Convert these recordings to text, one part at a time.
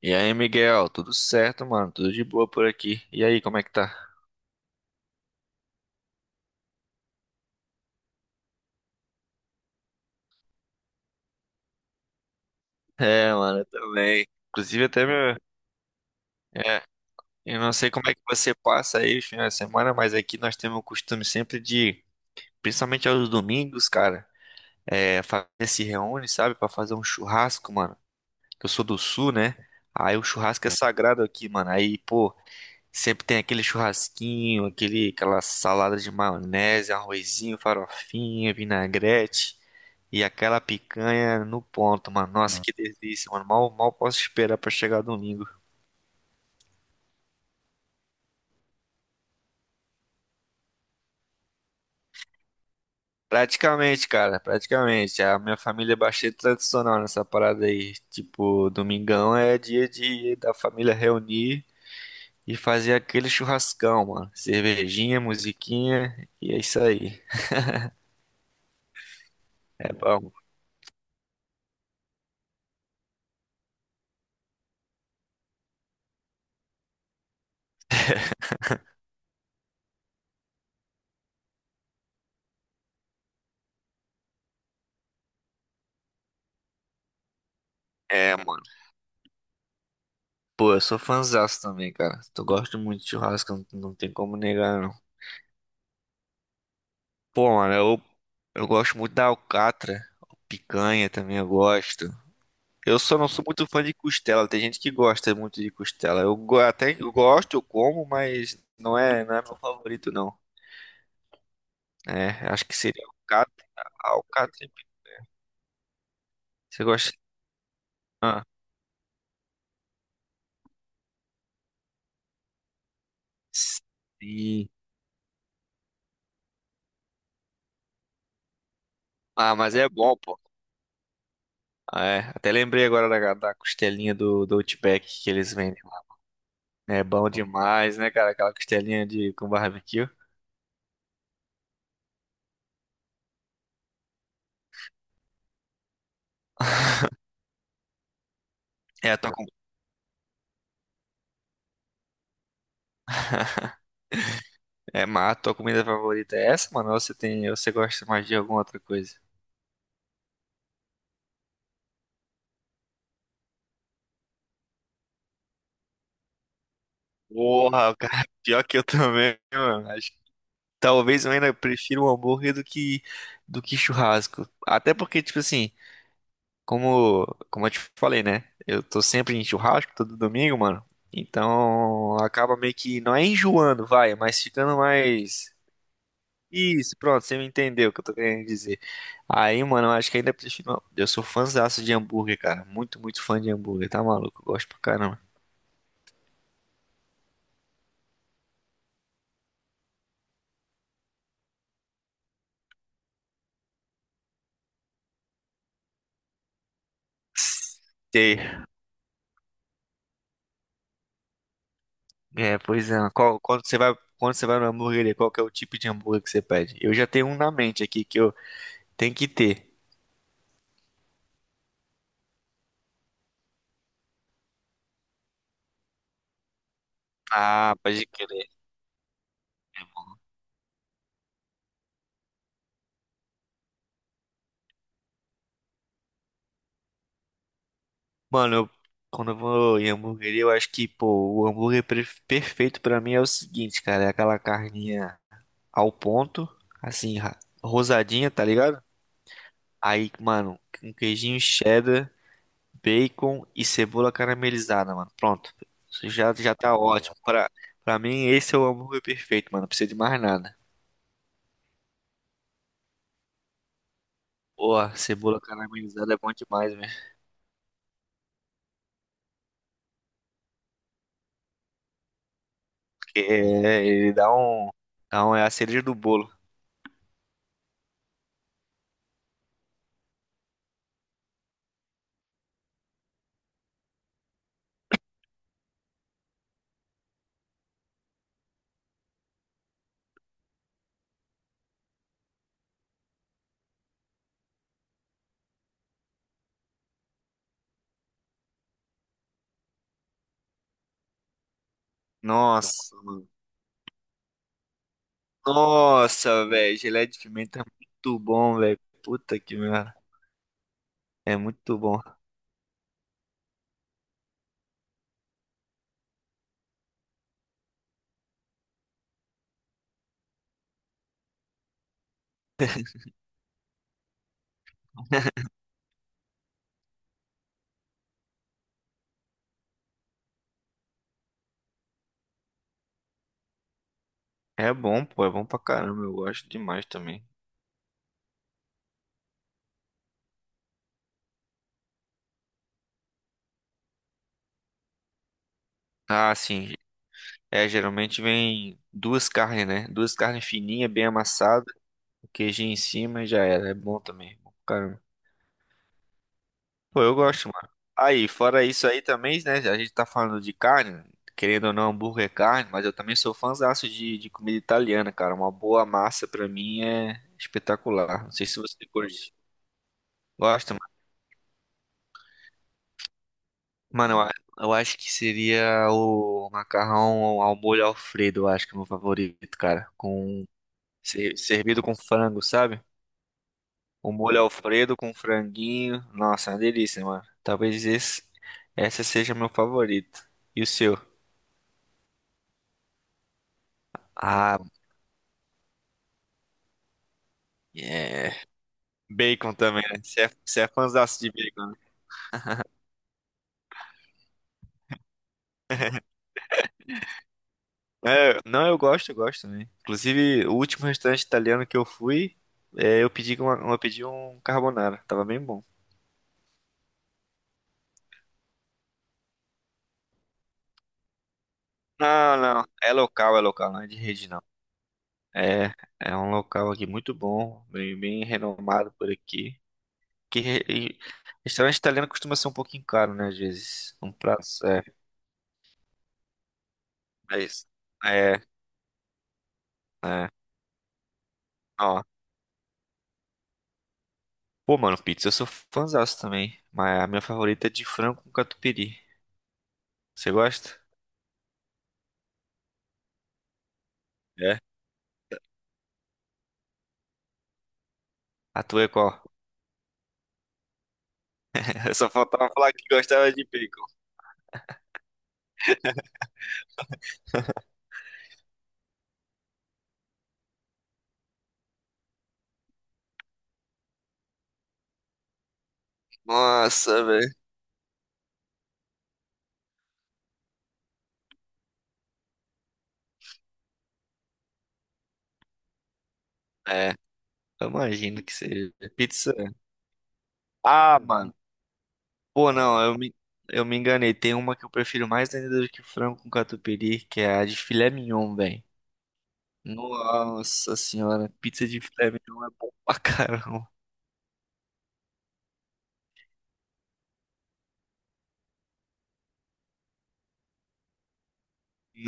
E aí, Miguel, tudo certo, mano? Tudo de boa por aqui. E aí, como é que tá? É, mano, eu também. Inclusive, até meu. É, eu não sei como é que você passa aí os finais de semana, mas aqui nós temos o costume sempre de, principalmente aos domingos, cara, é, a família se reúne, sabe, pra fazer um churrasco, mano. Eu sou do sul, né? Aí o churrasco é sagrado aqui, mano. Aí, pô, sempre tem aquele churrasquinho, aquele, aquela salada de maionese, arrozinho, farofinha, vinagrete e aquela picanha no ponto, mano. Nossa, que delícia, mano. Mal posso esperar pra chegar domingo. Praticamente, cara, praticamente. A minha família é bastante tradicional nessa parada aí. Tipo, domingão é dia de da família reunir e fazer aquele churrascão, mano. Cervejinha, musiquinha e é isso aí. É bom. É, mano. Pô, eu sou fãzaço também, cara. Eu gosto muito de churrasco, não tem como negar, não. Pô, mano, eu gosto muito da alcatra, picanha também eu gosto. Eu só não sou muito fã de costela, tem gente que gosta muito de costela. Até que eu gosto, eu como, mas não é meu favorito, não. É, acho que seria alcatra, alcatra. Você gosta? Ah, sim. Ah, mas é bom, pô. Ah, é, até lembrei agora da costelinha do Outback que eles vendem. É bom demais, né, cara? Aquela costelinha de com barbecue. É a tua, com- É, mas a tua comida favorita é essa, mano? Ou você tem, ou você gosta mais de alguma outra coisa? Porra, cara, pior que eu também, mano. Acho que talvez eu ainda prefira o hambúrguer do que churrasco. Até porque, tipo assim, como como eu te falei, né? Eu tô sempre em churrasco todo domingo, mano. Então acaba meio que não é enjoando, vai, mas ficando mais. Isso, pronto, você me entendeu o que eu tô querendo dizer. Aí, mano, eu acho que ainda prefiro. Não, eu sou fãzaço de hambúrguer, cara. Muito, muito fã de hambúrguer, tá maluco? Eu gosto pra caramba. Sei. É, pois é. Quando você vai na hambúrgueria, qual que é o tipo de hambúrguer que você pede? Eu já tenho um na mente aqui que eu tenho que ter. Ah, pode crer. Mano, quando eu vou em hambúrgueria, eu acho que, pô, o hambúrguer perfeito pra mim é o seguinte, cara, é aquela carninha ao ponto, assim, rosadinha, tá ligado? Aí, mano, um queijinho cheddar, bacon e cebola caramelizada, mano. Pronto. Isso já, já tá ótimo. Pra mim, esse é o hambúrguer perfeito, mano. Não precisa de mais nada. Pô, cebola caramelizada é bom demais, velho. Que é, ele dá um. É a cereja do bolo. Nossa, mano. Nossa, velho. Geleia de pimenta é muito bom, velho. Puta que merda. É muito bom. É bom, pô. É bom pra caramba. Eu gosto demais também. Ah, sim. É, geralmente vem duas carnes, né? Duas carnes fininhas, bem amassadas, queijinho em cima e já era. É bom também. É bom pra caramba. Pô, eu gosto, mano. Aí, fora isso aí também, né? A gente tá falando de carne, querendo ou não, hambúrguer é carne, mas eu também sou fãzaço de comida italiana, cara. Uma boa massa pra mim é espetacular. Não sei se você curte. Gosta, mano? Mano, eu acho que seria o macarrão ao molho Alfredo, eu acho que é o meu favorito, cara. Servido com frango, sabe? O molho Alfredo com franguinho. Nossa, uma delícia, mano. Talvez esse, essa seja meu favorito. E o seu? Ah, é. Bacon também, né? Você é fãzaço de bacon, né? Não, eu gosto, também. Inclusive, o último restaurante italiano que eu fui, eu pedi uma, eu pedi um carbonara. Tava bem bom. Não, não. É local, não é de rede, não. É, é um local aqui muito bom, bem, bem renomado por aqui. E restaurante italiano costuma ser um pouquinho caro, né? Às vezes. Um prato. É isso. É, é. Ó. Pô, mano, pizza eu sou fãzaço também. Mas a minha favorita é de frango com catupiry. Você gosta? É. A tua é qual? Só faltava falar que gostava de bacon. Nossa, velho. É, eu imagino que seja. Pizza. Ah, mano. Pô, não, eu me enganei. Tem uma que eu prefiro mais ainda do que frango com catupiry, que é a de filé mignon, velho. Nossa senhora, pizza de filé mignon é bom pra caramba.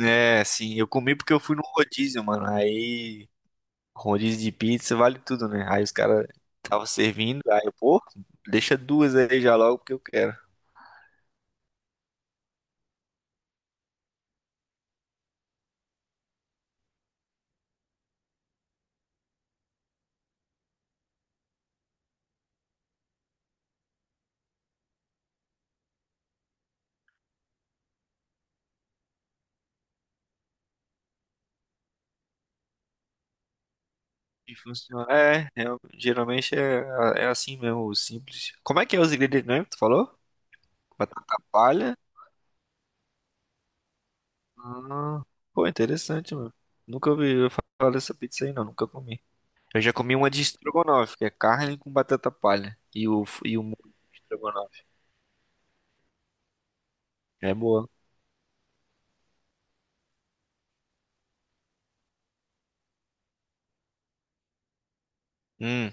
É, sim, eu comi porque eu fui no rodízio, mano. Aí, rodízio de pizza vale tudo, né? Aí os caras estavam servindo, aí eu, pô, deixa duas aí já logo porque eu quero. E funciona. É, geralmente é assim mesmo, simples. Como é que é os ingredientes mesmo? Que tu falou? Batata palha? Ah, pô, interessante, mano. Nunca ouvi falar dessa pizza aí, não. Nunca comi. Eu já comi uma de estrogonofe, que é carne com batata palha. E o molho de estrogonofe. É boa. Hum.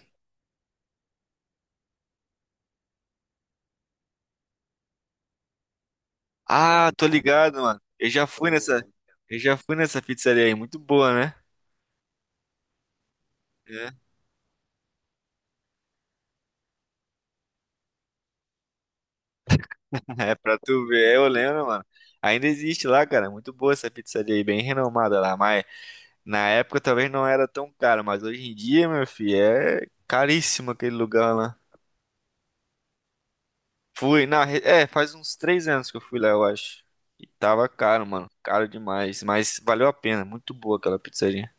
Ah, tô ligado, mano. Eu já fui nessa. Eu já fui nessa pizzaria aí. Muito boa, né? É, é pra tu ver. Eu lembro, mano. Ainda existe lá, cara. Muito boa essa pizzaria aí. Bem renomada lá. Mas na época talvez não era tão cara. Mas hoje em dia, meu filho, é caríssimo aquele lugar lá. Fui, faz uns 3 anos que eu fui lá, eu acho. E tava caro, mano, caro demais, mas valeu a pena, muito boa aquela pizzaria.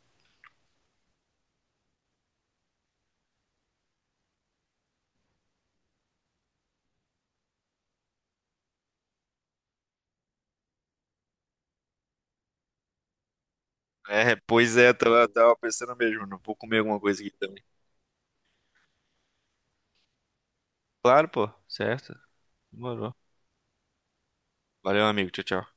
É, pois é, tava pensando mesmo, não vou comer alguma coisa aqui também. Claro, pô, certo, demorou. Valeu, amigo, tchau, tchau.